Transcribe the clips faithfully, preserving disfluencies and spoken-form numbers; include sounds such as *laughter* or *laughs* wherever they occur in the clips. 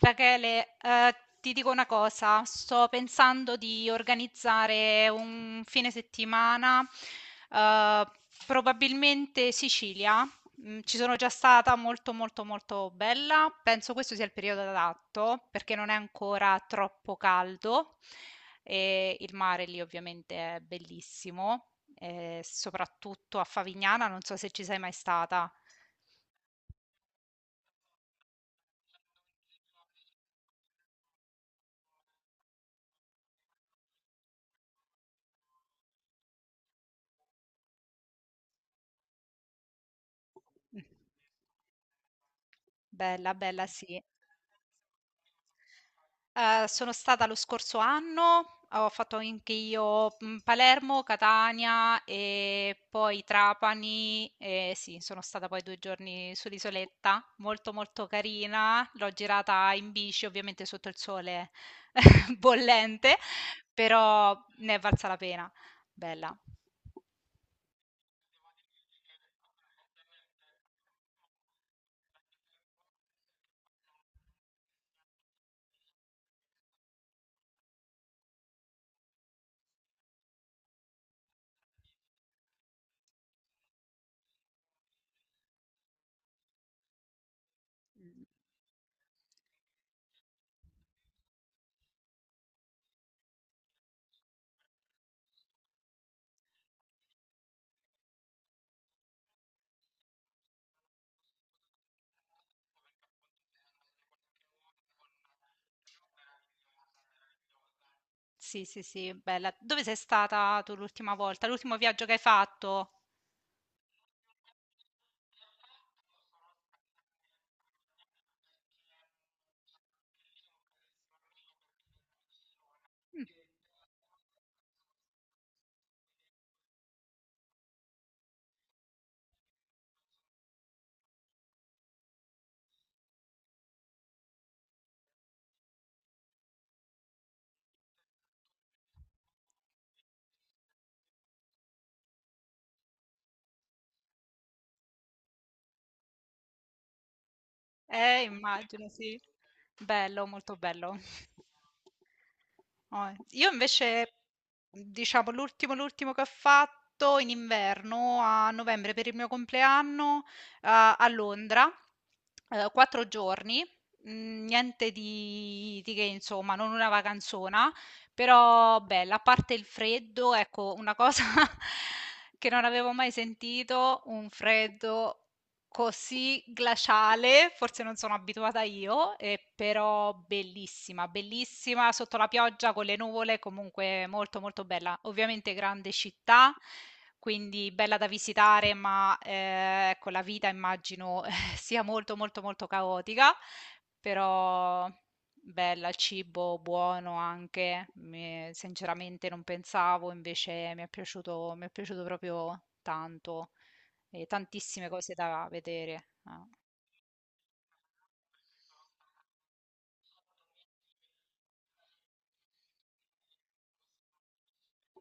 Rachele, eh, ti dico una cosa, sto pensando di organizzare un fine settimana, eh, probabilmente Sicilia. Mm, Ci sono già stata, molto molto molto bella. Penso questo sia il periodo adatto perché non è ancora troppo caldo e il mare lì ovviamente è bellissimo, eh, soprattutto a Favignana, non so se ci sei mai stata. Mm. Bella, bella, sì. Ehm, sono stata lo scorso anno, ho fatto anche io, mhmm, Palermo, Catania e poi Trapani. E sì, sono stata poi due giorni sull'isoletta, molto, molto carina. L'ho girata in bici, ovviamente sotto il sole *laughs* bollente, però ne è valsa la pena. Bella. Sì, sì, sì, bella. Dove sei stata tu l'ultima volta? L'ultimo viaggio che hai fatto? Mh. Eh, immagino, sì. Bello, molto bello. Oh, io invece, diciamo, l'ultimo, l'ultimo che ho fatto in inverno, a novembre, per il mio compleanno, eh, a Londra, eh, quattro giorni, mm, niente di, di che, insomma, non una vacanzona, però bella, a parte il freddo, ecco, una cosa *laughs* che non avevo mai sentito, un freddo così glaciale. Forse non sono abituata io, eh, però bellissima, bellissima sotto la pioggia con le nuvole, comunque molto molto bella. Ovviamente grande città, quindi bella da visitare, ma eh, ecco, la vita immagino *laughs* sia molto molto molto caotica, però bella, il cibo buono anche, mi- sinceramente non pensavo, invece mi è piaciuto, mi è piaciuto proprio tanto. E tantissime cose da vedere. Ah.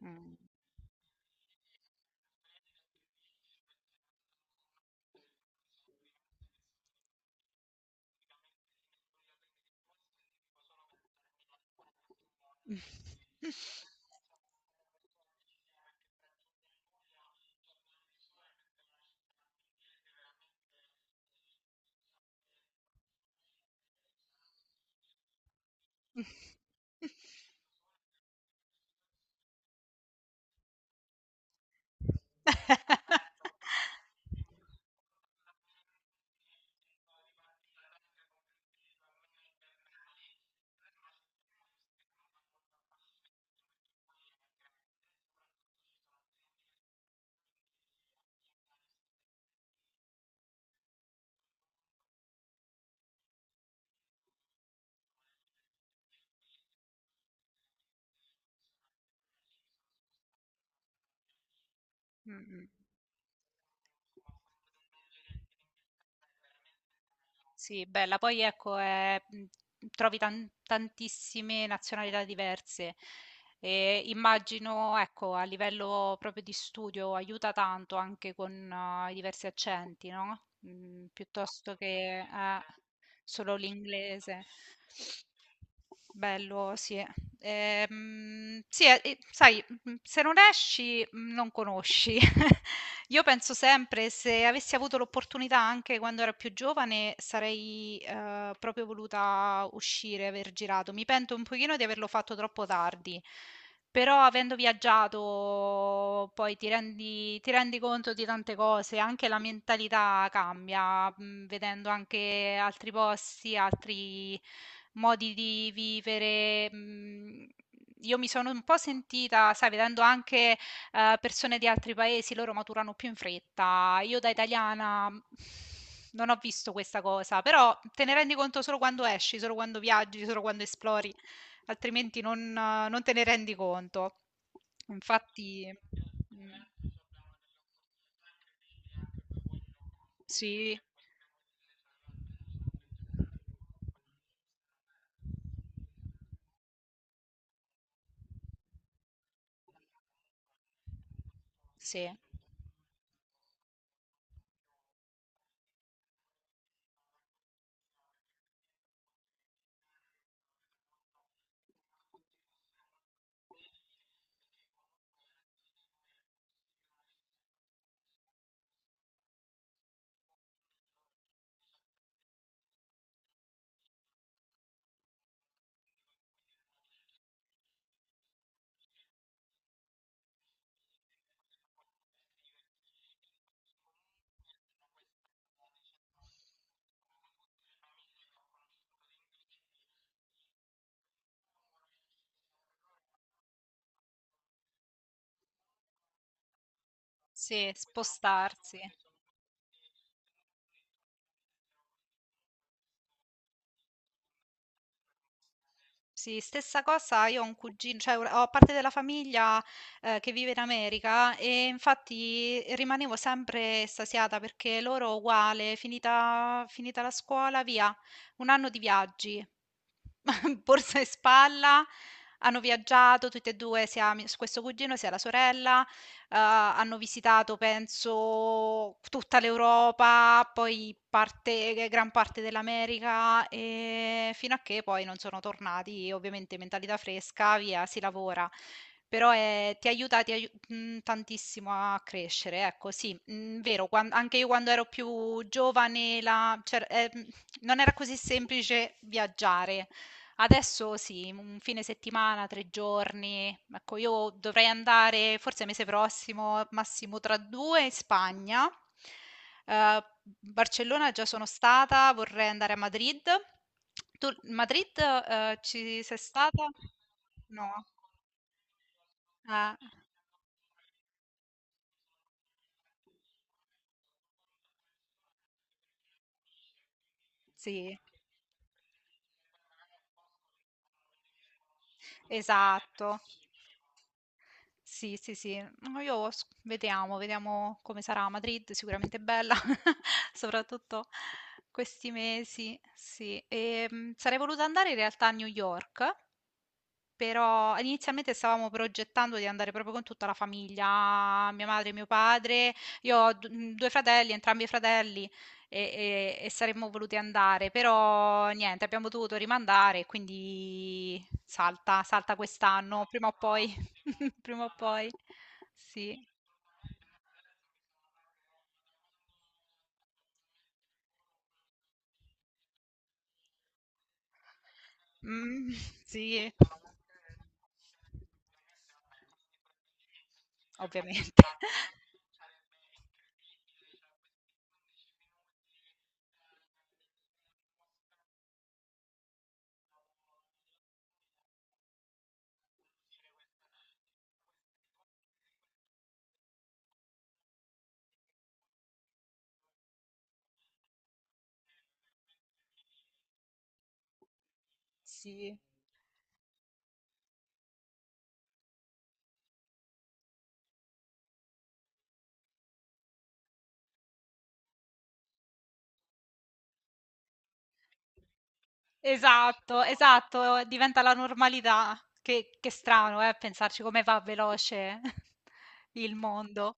Mm. *laughs* *laughs* Mh-mh. Sì, bella. Poi ecco, ehm, mhmm, trovi tan tantissime nazionalità diverse e immagino, ecco, a livello proprio di studio aiuta tanto anche con eh, i diversi accenti, no, mhmm, piuttosto che eh, solo l'inglese. Bello, sì. Ehm, sì, eh, e sai, mhmm, se non esci, mhmm, non conosci. *laughs* Io penso sempre, se avessi avuto l'opportunità anche quando ero più giovane, sarei, uhm, proprio voluta uscire, aver girato. Mi pento un pochino di averlo fatto troppo tardi. Però, avendo viaggiato, poi ti rendi, ti rendi conto di tante cose, anche la mentalità cambia, mh, vedendo anche altri posti, altri modi di vivere. mh, Io mi sono un po' sentita, sai, vedendo anche eh, persone di altri paesi, loro maturano più in fretta. Io da italiana, mh, non ho visto questa cosa, però te ne rendi conto solo quando esci, solo quando viaggi, solo quando esplori, altrimenti non, non te ne rendi conto. Infatti. Mm, sì, sì, sì, spostarsi. Sì, stessa cosa, io ho un cugino, cioè ora- ho parte della famiglia, eh, che vive in America, e infatti rimanevo sempre estasiata perché loro uguale, finita, finita la scuola, via, un anno di viaggi, *laughs* borsa e spalla. Hanno viaggiato tutti e due, sia mi- questo cugino sia la sorella, uhm, hanno visitato penso tutta l'Europa, poi parte g gran parte dell'America, ehm, fino a che poi non sono tornati. Ovviamente mentalità fresca, via, si lavora. Però, ehm, ti aiuta ti aiu mhmm, tantissimo a crescere, ecco sì. Mhmm, vero, quan anche io, quando ero più giovane, la c'er ehm, non era così semplice viaggiare. Adesso sì, un fine settimana, tre giorni. Ecco, io dovrei andare forse mese prossimo, massimo tra due, in Spagna. Eh, Barcellona già sono stata, vorrei andare a Madrid. Tu, Madrid, eh, ci sei stata? No. Eh, sì, esatto. Sì, sì, sì. No, io s- vediamo, vediamo come sarà a Madrid, sicuramente bella, *laughs* soprattutto questi mesi, sì. E, mh, sarei voluta andare in realtà a New York, però inizialmente stavamo progettando di andare proprio con tutta la famiglia, mia madre e mio padre. Io ho d- mh, due fratelli, entrambi i fratelli, e, e- e saremmo voluti andare, però niente, abbiamo dovuto rimandare, quindi salta, salta quest'anno, prima o poi, *laughs* prima o poi. Sì. Mm, sì, ovviamente. *laughs* Sì. Esatto, esatto, diventa la normalità. Che, che strano, eh, pensarci come va veloce *laughs* il mondo.